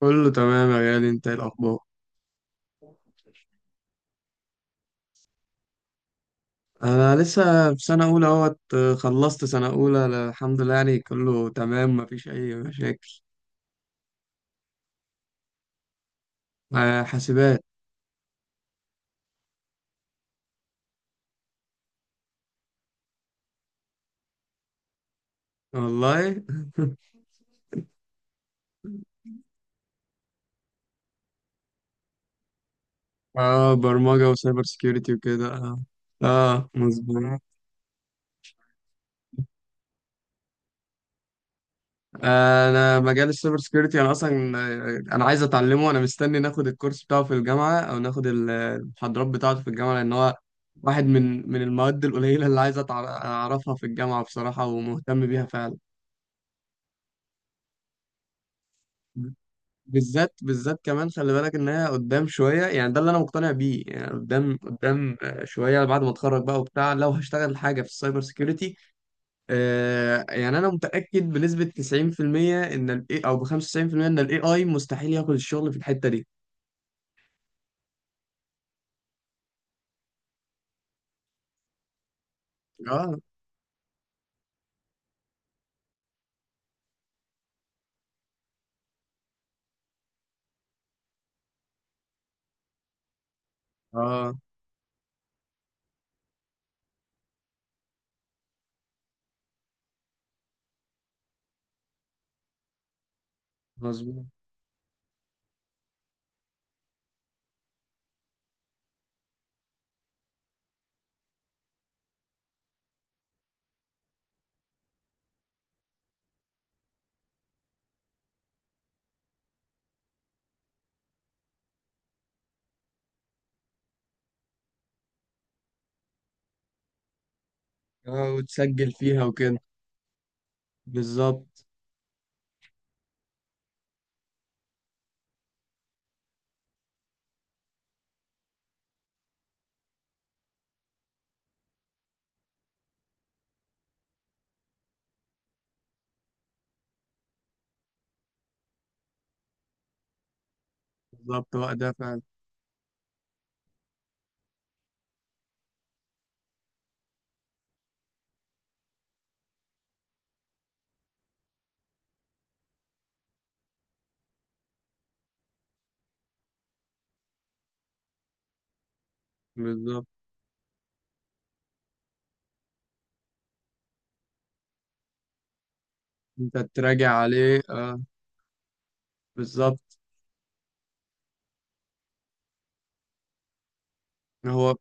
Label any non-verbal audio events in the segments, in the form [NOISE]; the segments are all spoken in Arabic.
كله تمام يا غالي، انت ايه الاخبار؟ انا لسه في سنه اولى اهوت. خلصت سنه اولى الحمد لله، يعني كله تمام مفيش اي مشاكل. حاسبات. والله. اه، برمجه وسايبر سكيورتي وكده، اه. اه، مظبوط. انا مجال السايبر سكيورتي، انا اصلا انا عايز اتعلمه. انا مستني ناخد الكورس بتاعه في الجامعه او ناخد المحاضرات بتاعته في الجامعه، لان هو واحد من المواد القليله اللي عايز اعرفها في الجامعه بصراحه، ومهتم بيها فعلا. بالذات بالذات كمان خلي بالك انها قدام شويه، يعني ده اللي انا مقتنع بيه، يعني قدام قدام شويه بعد ما اتخرج بقى وبتاع، لو هشتغل حاجه في السايبر سيكيورتي. يعني انا متاكد بنسبه 90% ان الاي او ب 95% ان الاي اي مستحيل ياخد الشغل في الحته دي. اه، اه، مظبوط. اه، وتسجل فيها وكده. بالظبط. بالظبط، هو ده فعلا. بالظبط، انت تراجع عليه، اه. بالظبط. هو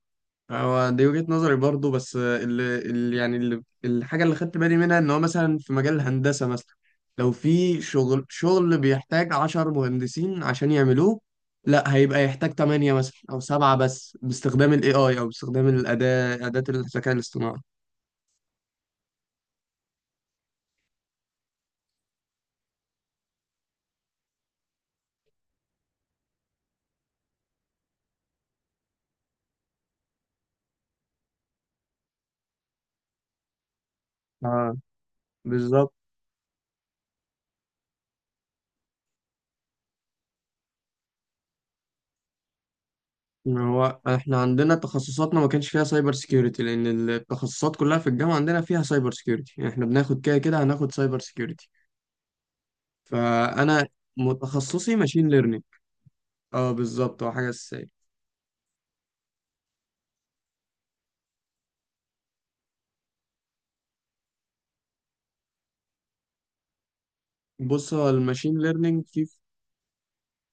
هو دي وجهة نظري برضو، بس اللي يعني الحاجة اللي خدت بالي منها ان هو مثلا في مجال الهندسة مثلا لو في شغل بيحتاج عشر مهندسين عشان يعملوه، لا هيبقى يحتاج تمانية مثلا او سبعة بس باستخدام ال AI او باستخدام أداة الذكاء الاصطناعي. آه بالظبط. ما هو احنا عندنا تخصصاتنا ما كانش فيها سايبر سيكيورتي، لان التخصصات كلها في الجامعة عندنا فيها سايبر سيكيورتي، يعني احنا بناخد كده كده هناخد سايبر سيكيورتي. فانا متخصصي ماشين ليرنينج. اه، بالظبط هو حاجه اساسيه. بص هو الماشين ليرنينج فيه.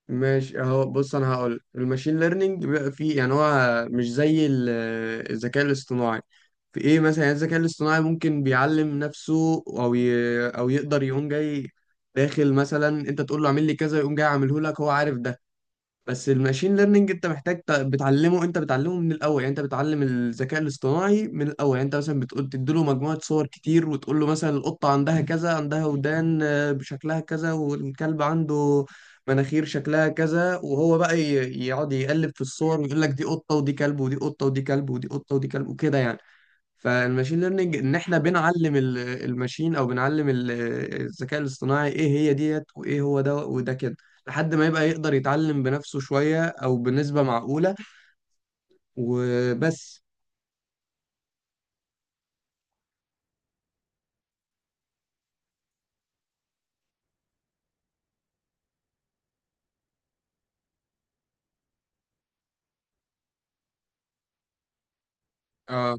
ماشي اهو، بص انا هقول الماشين ليرنينج بيبقى فيه، يعني هو مش زي الذكاء الاصطناعي في ايه مثلا. يعني الذكاء الاصطناعي ممكن بيعلم نفسه او يقدر يقوم جاي داخل، مثلا انت تقول له اعمل لي كذا يقوم جاي عامله لك، هو عارف ده. بس الماشين ليرنينج انت محتاج بتعلمه، انت بتعلمه من الاول. يعني انت بتعلم الذكاء الاصطناعي من الاول، يعني انت مثلا بتقول تديله مجموعه صور كتير وتقول له مثلا القطه عندها كذا، عندها ودان بشكلها كذا، والكلب عنده مناخير شكلها كذا، وهو بقى يقعد يقلب في الصور ويقول لك دي قطه ودي كلب ودي قطه ودي كلب ودي قطه ودي كلب وكده يعني. فالماشين ليرنينج ان احنا بنعلم الماشين، او بنعلم الذكاء الاصطناعي ايه هي ديت وايه هو ده وده كده، لحد ما يبقى يقدر يتعلم بنفسه شوية او بنسبة معقولة. وبس. اه،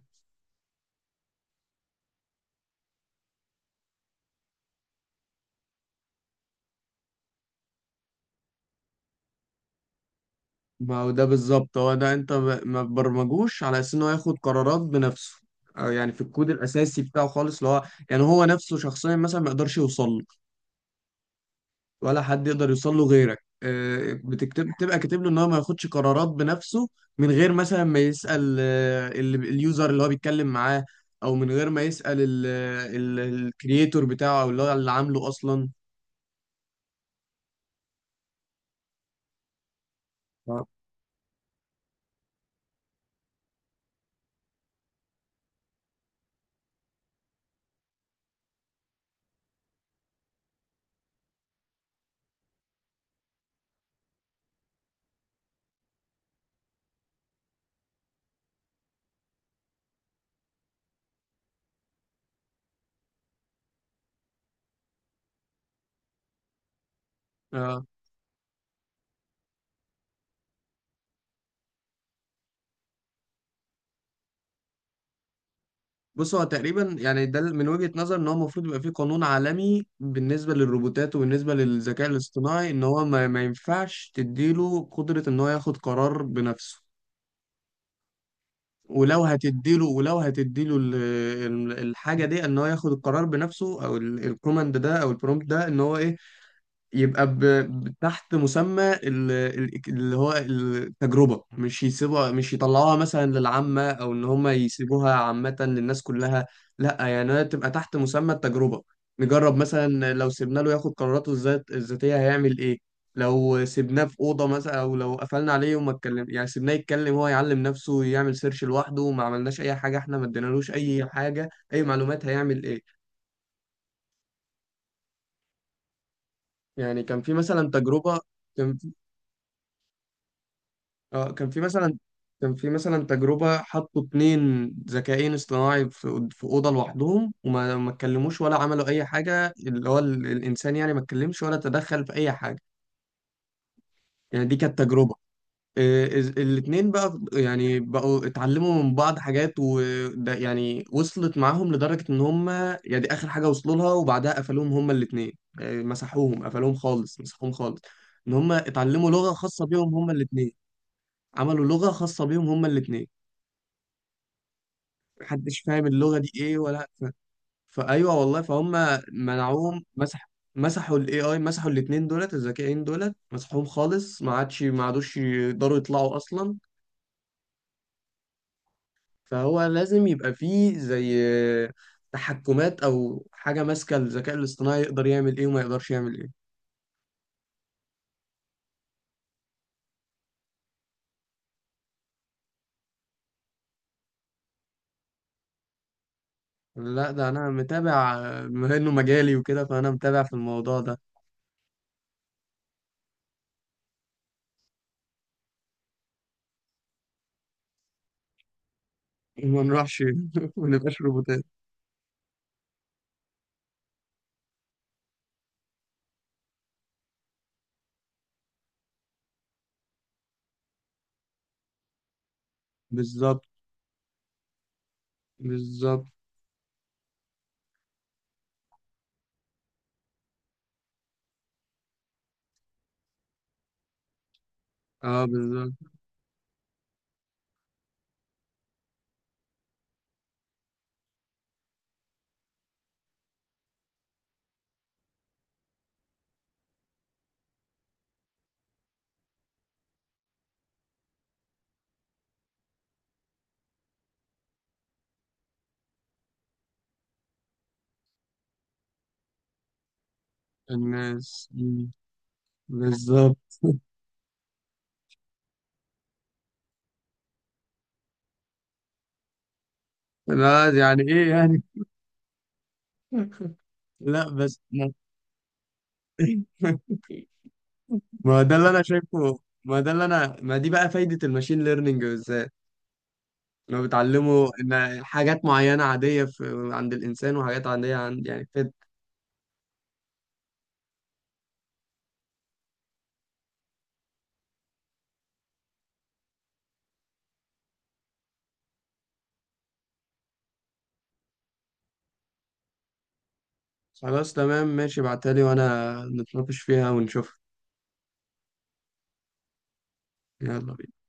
ما هو ده بالظبط، هو ده، انت ما تبرمجوش على اساس ان هو ياخد قرارات بنفسه، أو يعني في الكود الاساسي بتاعه خالص اللي هو، يعني هو نفسه شخصيا مثلا ما يقدرش يوصل له، ولا حد يقدر يوصل له غيرك. بتكتب، بتبقى كاتب له ان هو ما ياخدش قرارات بنفسه، من غير مثلا ما يسأل اليوزر اللي هو بيتكلم معاه، او من غير ما يسأل الكرييتور بتاعه، او اللي هو اللي عامله اصلا. آه. آه، بص هو تقريبا، يعني ده من وجهة نظر ان هو المفروض يبقى فيه قانون عالمي بالنسبة للروبوتات وبالنسبة للذكاء الاصطناعي، ان هو ما ينفعش تديله قدرة ان هو ياخد قرار بنفسه. ولو هتديله الحاجه دي، ان هو ياخد القرار بنفسه، او الكوماند ده او البرومبت ده ان هو ايه، يبقى تحت مسمى اللي هو التجربة، مش يسيبوها، مش يطلعوها مثلا للعامة، أو إن هم يسيبوها عامة للناس كلها. لا، يعني هي تبقى تحت مسمى التجربة. نجرب مثلا لو سيبنا له ياخد قراراته الذاتية هيعمل إيه، لو سيبناه في أوضة مثلا، أو لو قفلنا عليه وما اتكلم، يعني سيبناه يتكلم هو، يعلم نفسه، يعمل سيرش لوحده، وما عملناش أي حاجة، إحنا ما ادينالوش أي حاجة، أي معلومات، هيعمل إيه. يعني كان في مثلا تجربة. اه، كان في مثلا تجربة حطوا اتنين ذكاءين اصطناعي في أوضة لوحدهم، وما ما اتكلموش ولا عملوا أي حاجة. اللي هو الإنسان يعني ما اتكلمش ولا تدخل في أي حاجة. يعني دي كانت تجربة. الاتنين بقى يعني بقوا اتعلموا من بعض حاجات، وده يعني وصلت معاهم لدرجة إن هما، يعني دي آخر حاجة وصلوا لها وبعدها قفلوهم هما الاتنين. مسحوهم، قفلوهم خالص، مسحوهم خالص. إن هما اتعلموا لغة خاصة بيهم هما الاتنين. عملوا لغة خاصة بيهم هما الاتنين. محدش فاهم اللغة دي ايه فايوه والله، فهم. منعوهم مسح مسحوا الاي اي، مسحوا الاتنين دولت الذكيين دولت، مسحوهم خالص. ما عادوش يقدروا يطلعوا اصلا. فهو لازم يبقى فيه زي تحكمات او حاجة ماسكة الذكاء الاصطناعي يقدر يعمل ايه وما يقدرش يعمل ايه. لا، ده انا متابع، بما انه مجالي وكده فانا متابع في الموضوع ده. ما نروحش، [LAUGHS] ما نبقاش روبوتات. بالظبط. بالظبط. اه، بالظبط. الناس. بالظبط. لا، يعني ايه يعني. [LAUGHS] لا بس ما [LAUGHS] ما ده اللي انا شايفه. ما ده اللي انا ما دي بقى فايدة الماشين ليرنينج بالذات، لو بتعلمه ان حاجات معينة عادية في عند الانسان، وحاجات عادية عند، يعني كده. خلاص تمام ماشي، ابعتها لي وانا نتناقش فيها ونشوف. يلا بينا.